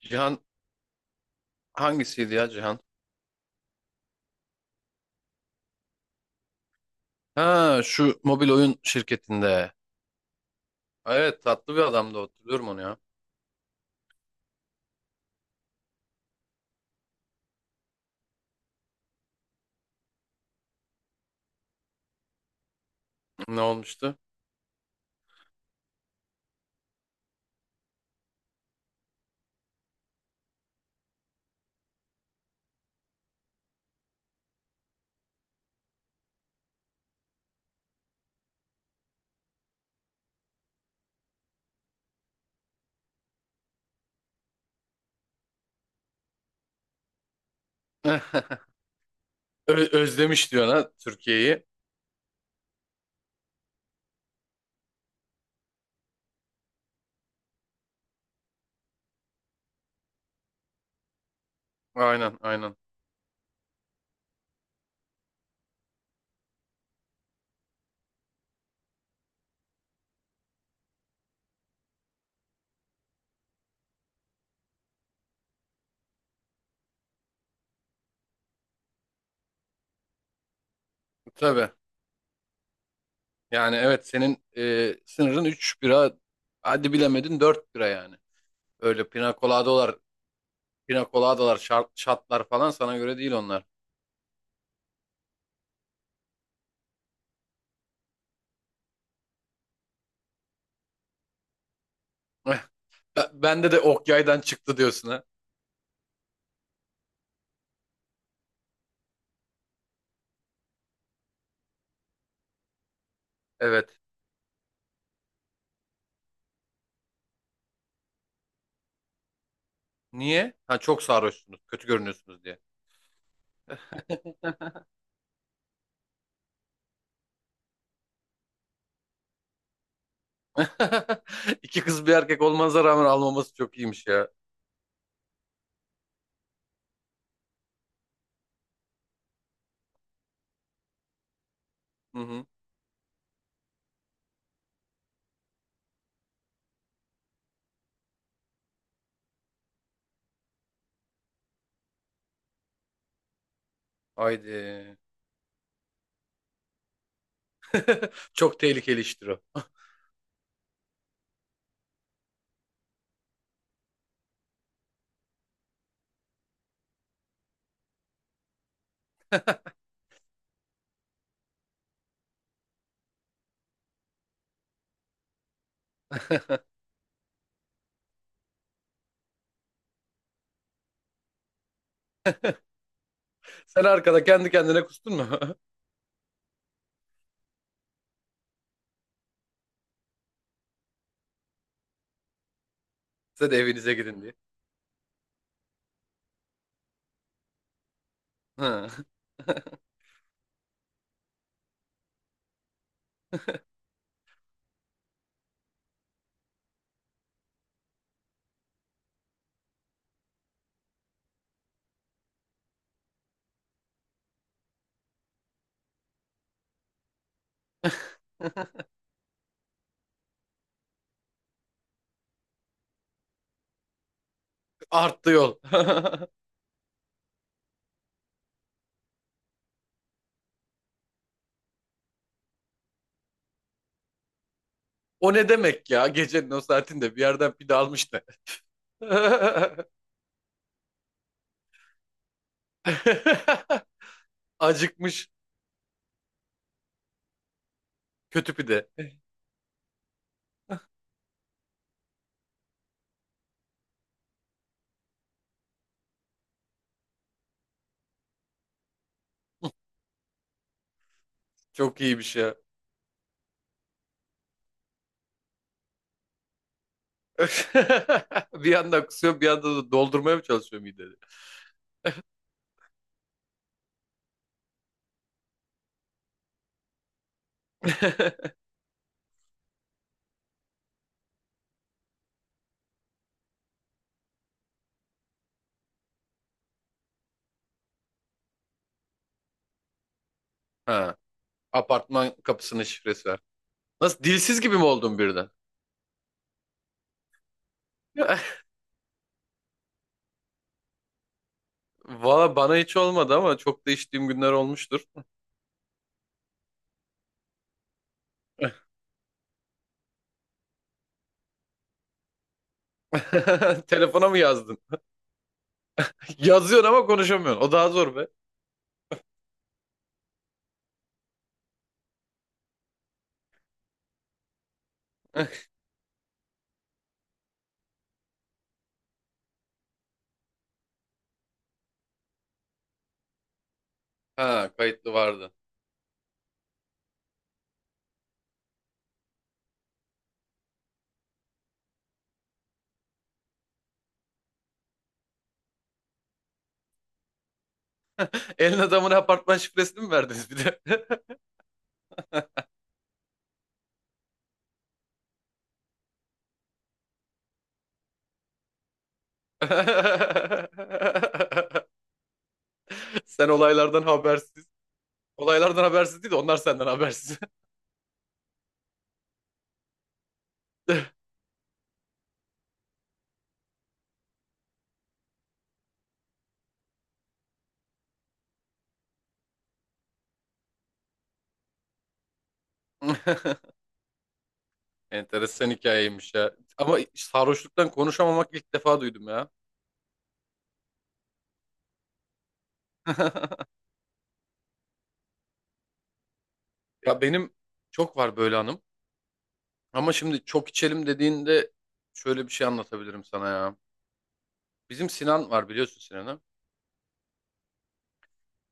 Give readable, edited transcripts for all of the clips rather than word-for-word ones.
Cihan hangisiydi ya Cihan? Ha şu mobil oyun şirketinde. Evet, tatlı bir adamdı, hatırlıyorum onu ya. Ne olmuştu? Özlemiş diyor ha Türkiye'yi. Aynen, aynen. Tabii. Yani evet, senin sınırın 3 bira, hadi bilemedin 4 bira yani. Öyle pina coladalar, şatlar falan sana göre değil onlar. Bende de ok yaydan çıktı diyorsun ha. Evet. Niye? Ha, çok sarhoşsunuz, kötü görünüyorsunuz diye. İki kız bir erkek olmanıza rağmen almaması çok iyiymiş ya. Hı hı. Haydi. Çok tehlikeli iştir o. Sen arkada kendi kendine kustun mu? Size de evinize gidin diye. Hı. Arttı yol. O ne demek ya? Gecenin o saatinde bir yerden pide almış da. Acıkmış, kötü pide. Çok iyiymiş ya. Bir yandan kusuyor, bir yandan da doldurmaya mı çalışıyor mideni? Ha, apartman kapısının şifresi. Nasıl, dilsiz gibi mi oldun birden? Valla bana hiç olmadı ama çok da içtiğim günler olmuştur. Telefona mı yazdın? Yazıyorsun ama konuşamıyorsun. O daha zor be. Ha, kayıtlı vardı. Elin adamına apartman şifresini mi verdiniz bir de? Sen olaylardan habersiz. Olaylardan habersiz değil de onlar senden habersiz. Enteresan hikayeymiş ya. Ama sarhoşluktan konuşamamak, ilk defa duydum ya. Ya benim çok var böyle hanım. Ama şimdi çok içelim dediğinde şöyle bir şey anlatabilirim sana ya. Bizim Sinan var, biliyorsun Sinan'ı.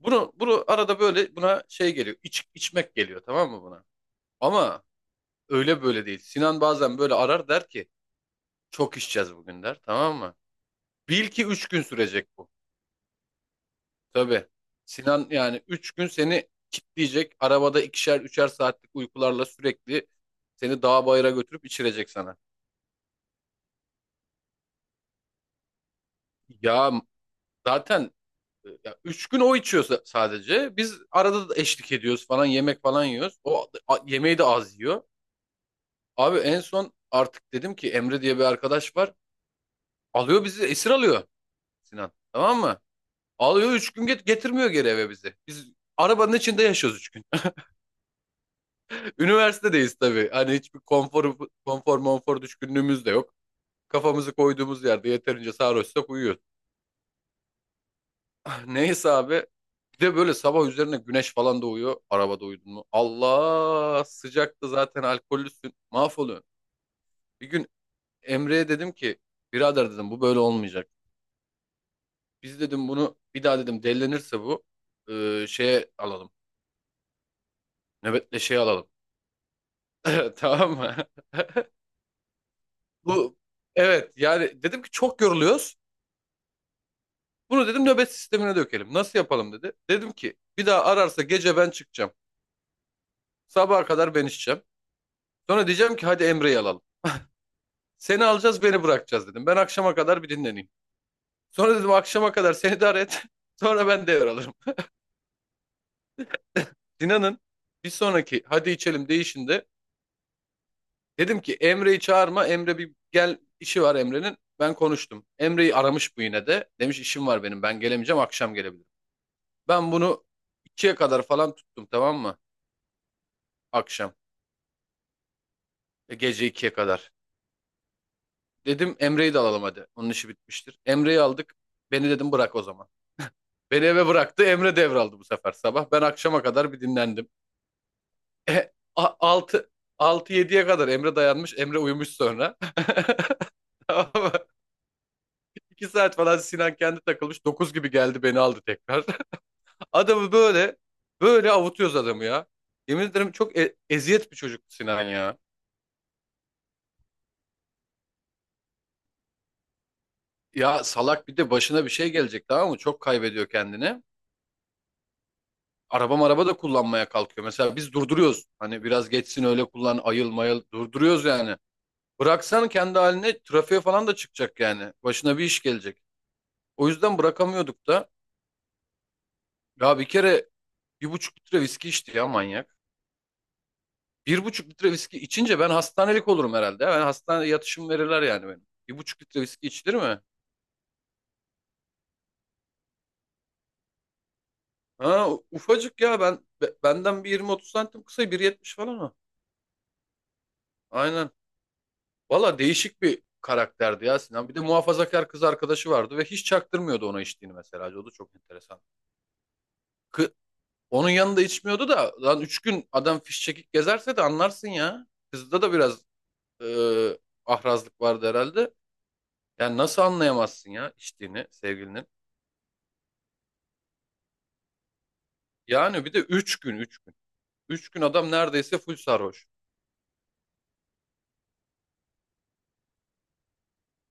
Bunu arada böyle buna şey geliyor. İç, içmek geliyor tamam mı buna? Ama öyle böyle değil. Sinan bazen böyle arar, der ki çok içeceğiz bugün der, tamam mı? Bil ki üç gün sürecek bu. Tabii. Sinan yani 3 gün seni kitleyecek. Arabada ikişer üçer saatlik uykularla sürekli seni dağ bayıra götürüp içirecek sana. Ya zaten Ya üç gün o içiyor sadece. Biz arada da eşlik ediyoruz falan, yemek falan yiyoruz. O yemeği de az yiyor. Abi en son artık dedim ki Emre diye bir arkadaş var. Alıyor bizi, esir alıyor Sinan. Tamam mı? Alıyor üç gün, getirmiyor geri eve bizi. Biz arabanın içinde yaşıyoruz üç gün. Üniversitedeyiz tabii. Hani hiçbir konfor monfor düşkünlüğümüz de yok. Kafamızı koyduğumuz yerde yeterince sarhoşsak uyuyoruz. Neyse abi. Bir de böyle sabah üzerine güneş falan doğuyor. Arabada uyudun mu? Allah, sıcaktı zaten, alkollüsün. Mahvoluyorsun. Bir gün Emre'ye dedim ki birader dedim bu böyle olmayacak. Biz dedim bunu bir daha dedim delilenirse bu, şeye alalım. Nöbetle şey alalım. Tamam mı? Bu, evet yani dedim ki çok yoruluyoruz. Bunu dedim nöbet sistemine dökelim. Nasıl yapalım dedi. Dedim ki bir daha ararsa gece ben çıkacağım. Sabaha kadar ben içeceğim. Sonra diyeceğim ki hadi Emre'yi alalım. Seni alacağız, beni bırakacağız dedim. Ben akşama kadar bir dinleneyim. Sonra dedim akşama kadar seni de et. Sonra ben devralırım. Dinan'ın bir sonraki hadi içelim değişinde dedim ki Emre'yi çağırma. Emre bir gel, işi var Emre'nin. Ben konuştum. Emre'yi aramış bu yine de. Demiş işim var benim, ben gelemeyeceğim, akşam gelebilirim. Ben bunu ikiye kadar falan tuttum, tamam mı? Akşam. Gece ikiye kadar. Dedim Emre'yi de alalım hadi. Onun işi bitmiştir. Emre'yi aldık. Beni dedim bırak o zaman. Beni eve bıraktı. Emre devraldı bu sefer sabah. Ben akşama kadar bir dinlendim. E, 6 yediye kadar Emre dayanmış. Emre uyumuş sonra. Tamam mı? İki saat falan Sinan kendi takılmış. Dokuz gibi geldi, beni aldı tekrar. Adamı böyle böyle avutuyoruz adamı ya. Yemin ederim çok eziyet bir çocuktu Sinan ya. Ya salak, bir de başına bir şey gelecek, tamam mı? Çok kaybediyor kendini. Araba da kullanmaya kalkıyor. Mesela biz durduruyoruz. Hani biraz geçsin öyle kullan, ayıl mayıl, durduruyoruz yani. Bıraksan kendi haline trafiğe falan da çıkacak yani. Başına bir iş gelecek. O yüzden bırakamıyorduk da. Ya bir kere bir buçuk litre viski içti ya manyak. Bir buçuk litre viski içince ben hastanelik olurum herhalde. Ben hastane yatışım verirler yani benim. Bir buçuk litre viski içilir mi? Ha ufacık ya benden bir 20-30 santim kısa, 1,70 falan o. Aynen. Valla değişik bir karakterdi ya Sinan. Bir de muhafazakar kız arkadaşı vardı ve hiç çaktırmıyordu ona içtiğini mesela. O da çok enteresan. Kı- Onun yanında içmiyordu da lan üç gün adam fişçekik gezerse de anlarsın ya. Kızda da biraz e, ahrazlık vardı herhalde. Yani nasıl anlayamazsın ya içtiğini sevgilinin. Yani bir de üç gün üç gün. Üç gün adam neredeyse full sarhoş.